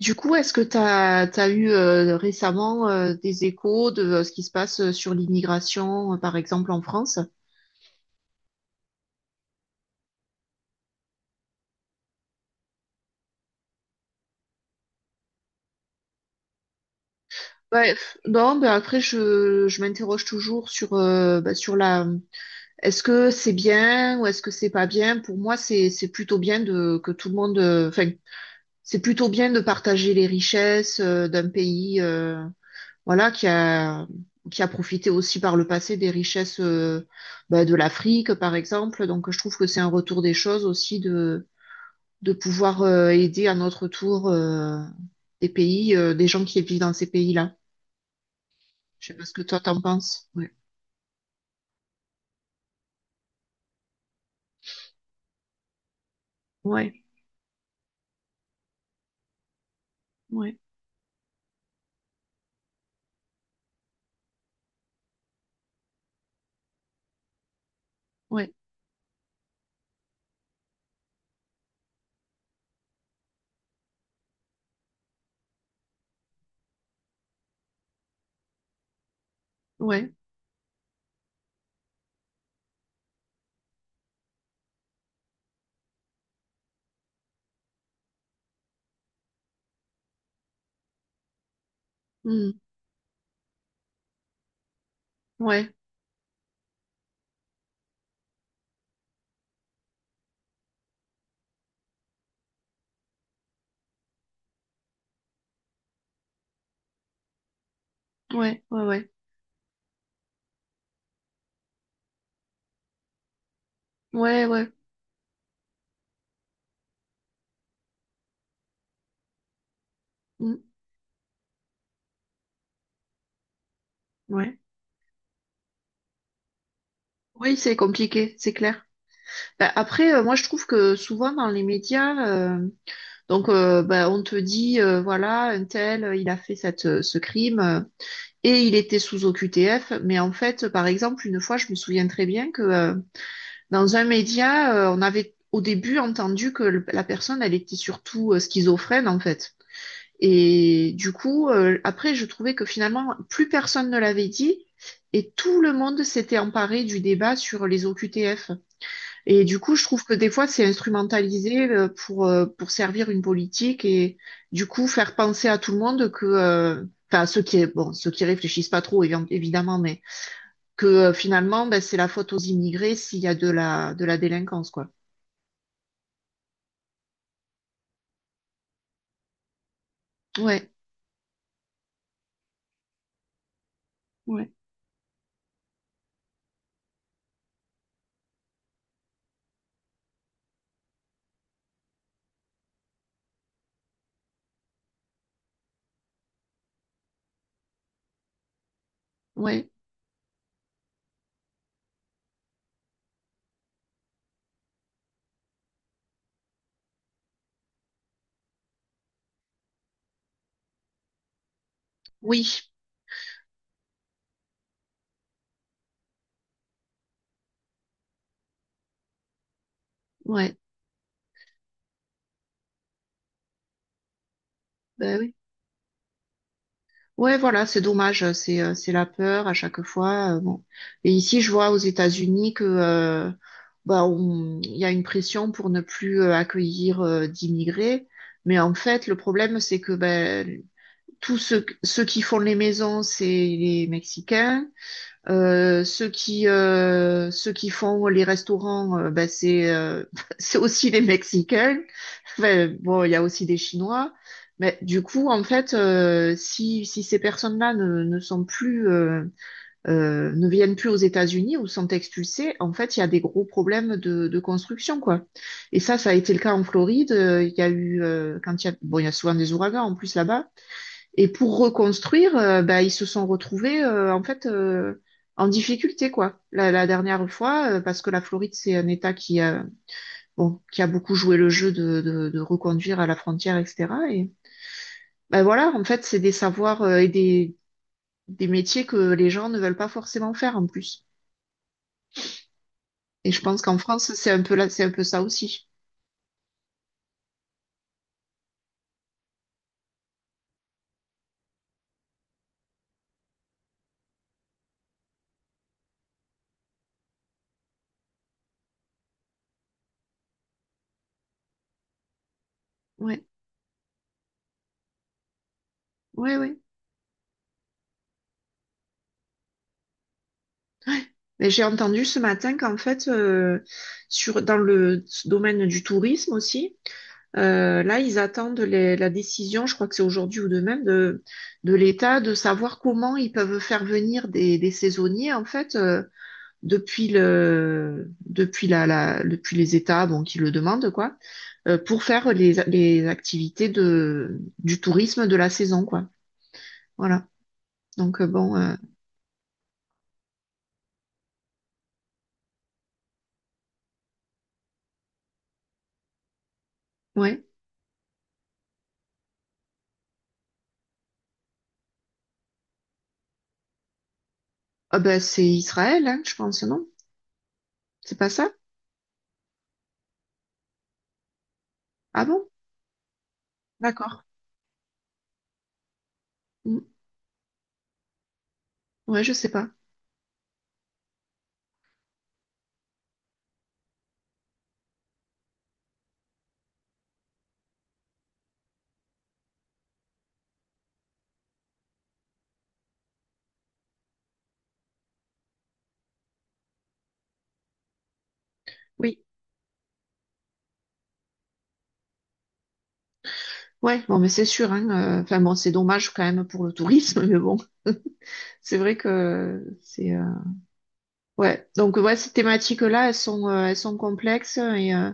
Du coup, est-ce que tu as, eu récemment, des échos de ce qui se passe sur l'immigration, par exemple en France? Ouais, pff, non, ben après je m'interroge toujours sur sur la est-ce que c'est bien ou est-ce que c'est pas bien? Pour moi, c'est plutôt bien de que tout le monde enfin c'est plutôt bien de partager les richesses d'un pays. Voilà, qui a profité aussi par le passé des richesses de l'Afrique, par exemple. Donc, je trouve que c'est un retour des choses aussi de pouvoir aider à notre tour des pays, des gens qui vivent dans ces pays-là. Je sais pas ce que toi t'en penses. Ouais, ouais, ouais, ouais, ouais, Hmm. ouais, ouais, ouais, ouais, ouais, ouais. Hmm. Ouais. Oui, c'est compliqué, c'est clair. Bah, après, moi, je trouve que souvent dans les médias, donc, on te dit, voilà, un tel, il a fait ce crime, et il était sous OQTF. Mais en fait, par exemple, une fois, je me souviens très bien que dans un média, on avait au début entendu que la personne, elle était surtout schizophrène, en fait. Et du coup, après, je trouvais que finalement, plus personne ne l'avait dit et tout le monde s'était emparé du débat sur les OQTF. Et du coup, je trouve que des fois, c'est instrumentalisé, pour servir une politique et du coup, faire penser à tout le monde que, enfin, ceux qui, bon, ceux qui réfléchissent pas trop, évidemment, mais que finalement, ben, c'est la faute aux immigrés s'il y a de la délinquance, quoi. Ouais, ouais, ouais, oui, ouais, ben oui. Ouais, voilà, c'est dommage, c'est la peur à chaque fois. Euh, bon. Et ici, je vois aux États-Unis que bah, il y a une pression pour ne plus accueillir d'immigrés, mais en fait, le problème, c'est que ben ceux qui font les maisons, c'est les Mexicains. Ceux qui font les restaurants, ben, c'est c'est aussi les Mexicains. Enfin, bon, il y a aussi des Chinois, mais du coup, en fait, si ces personnes-là ne sont plus, ne viennent plus aux États-Unis ou sont expulsées, en fait, il y a des gros problèmes de construction, quoi. Et ça a été le cas en Floride. Il y a eu, quand il y a, bon, il y a souvent des ouragans en plus là-bas. Et pour reconstruire, bah, ils se sont retrouvés, en fait, en difficulté, quoi. La dernière fois, parce que la Floride, c'est un État qui a bon, qui a beaucoup joué le jeu de reconduire à la frontière, etc. Et ben voilà, en fait, c'est des savoirs et des métiers que les gens ne veulent pas forcément faire en plus. Et je pense qu'en France, c'est un peu là, c'est un peu ça aussi. Ouais, ouais, ouais. Mais j'ai entendu ce matin qu'en fait, sur, dans le domaine du tourisme aussi, là, ils attendent la décision, je crois que c'est aujourd'hui ou demain, de l'État, de savoir comment ils peuvent faire venir des saisonniers, en fait, depuis le depuis la, la depuis les États bon qui le demandent quoi, pour faire les activités de du tourisme de la saison quoi, voilà. Donc bon, ouais. Ah ben c'est Israël hein, je pense non, c'est pas ça. Ah bon. D'accord. Mm. Ouais je sais pas. Oui. Ouais bon mais c'est sûr hein, enfin bon c'est dommage quand même pour le tourisme mais bon, c'est vrai que c'est ouais. Donc ouais, ces thématiques-là, elles sont complexes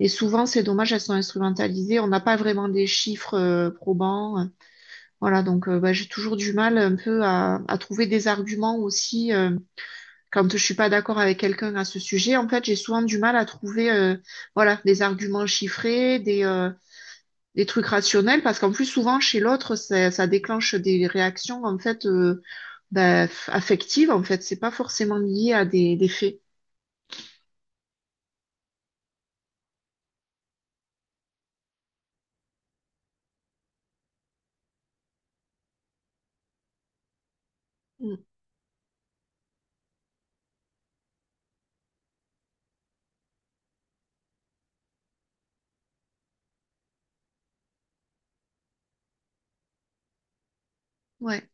et souvent, c'est dommage, elles sont instrumentalisées. On n'a pas vraiment des chiffres probants. Voilà, donc bah, j'ai toujours du mal un peu à trouver des arguments aussi quand je suis pas d'accord avec quelqu'un à ce sujet. En fait, j'ai souvent du mal à trouver voilà, des arguments chiffrés, des trucs rationnels, parce qu'en plus, souvent, chez l'autre, ça déclenche des réactions en fait bah, affectives. En fait, c'est pas forcément lié à des faits. Mm. Ouais.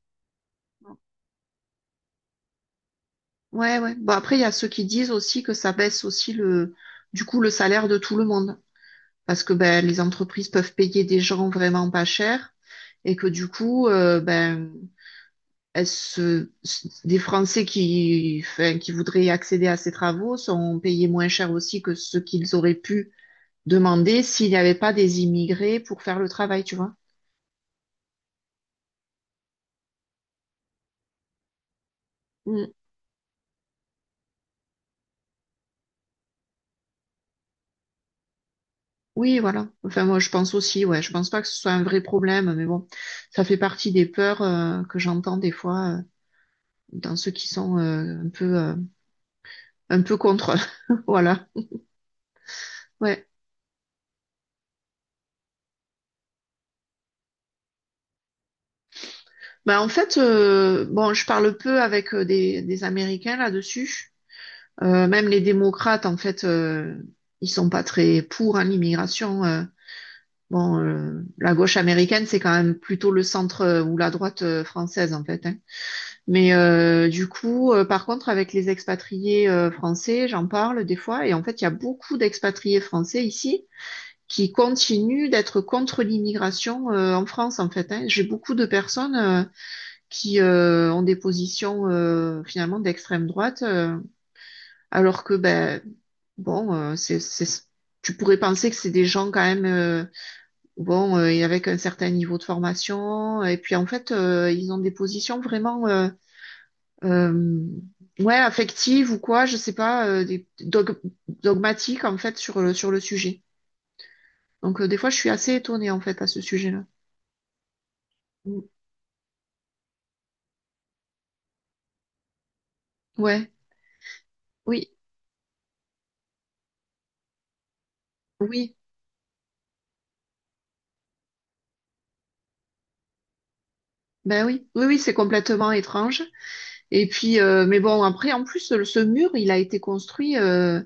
Ouais, ouais. Bon, après, il y a ceux qui disent aussi que ça baisse aussi le, du coup, le salaire de tout le monde. Parce que ben, les entreprises peuvent payer des gens vraiment pas cher et que du coup, ben, elles se- des Français qui, enfin, qui voudraient accéder à ces travaux sont payés moins cher aussi que ce qu'ils auraient pu demander s'il n'y avait pas des immigrés pour faire le travail, tu vois. Mm. Oui, voilà. Enfin, moi, je pense aussi, ouais. Je pense pas que ce soit un vrai problème, mais bon, ça fait partie des peurs, que j'entends des fois. Dans ceux qui sont un peu contre. Voilà. Ouais. Bah en fait, bon, je parle peu avec des Américains là-dessus. Même les démocrates, en fait, ils sont pas très pour hein, l'immigration. Bon, la gauche américaine, c'est quand même plutôt le centre ou la droite française, en fait, hein. Mais du coup, par contre, avec les expatriés français, j'en parle des fois, et en fait, il y a beaucoup d'expatriés français ici qui continuent d'être contre l'immigration en France, en fait, hein. J'ai beaucoup de personnes qui ont des positions finalement d'extrême droite, alors que ben bon, tu pourrais penser que c'est des gens quand même et avec un certain niveau de formation, et puis en fait ils ont des positions vraiment euh, ouais affectives ou quoi, je sais pas, dogmatiques en fait sur le sujet. Donc des fois je suis assez étonnée en fait à ce sujet-là. Ouais, oui, oui, ben oui, oui, oui, c'est complètement étrange. Et puis, mais bon, après, en plus, ce mur, il a été construit euh,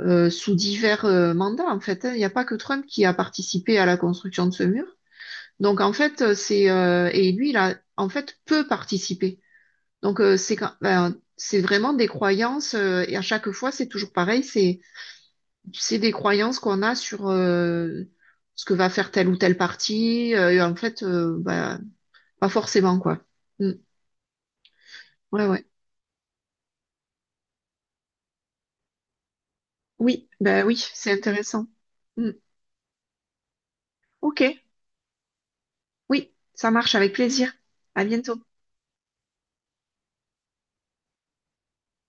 euh, sous divers mandats, en fait, hein. Il n'y a pas que Trump qui a participé à la construction de ce mur. Donc, en fait, c'est et lui, il a en fait peu participé. Donc, c'est quand, ben, c'est vraiment des croyances et à chaque fois, c'est toujours pareil. C'est des croyances qu'on a sur ce que va faire tel ou tel parti. Et en fait, ben, pas forcément, quoi. Mm. Ouais, ouais. Oui, ben oui, c'est intéressant. Mm. Ok, oui, ça marche avec plaisir. À bientôt.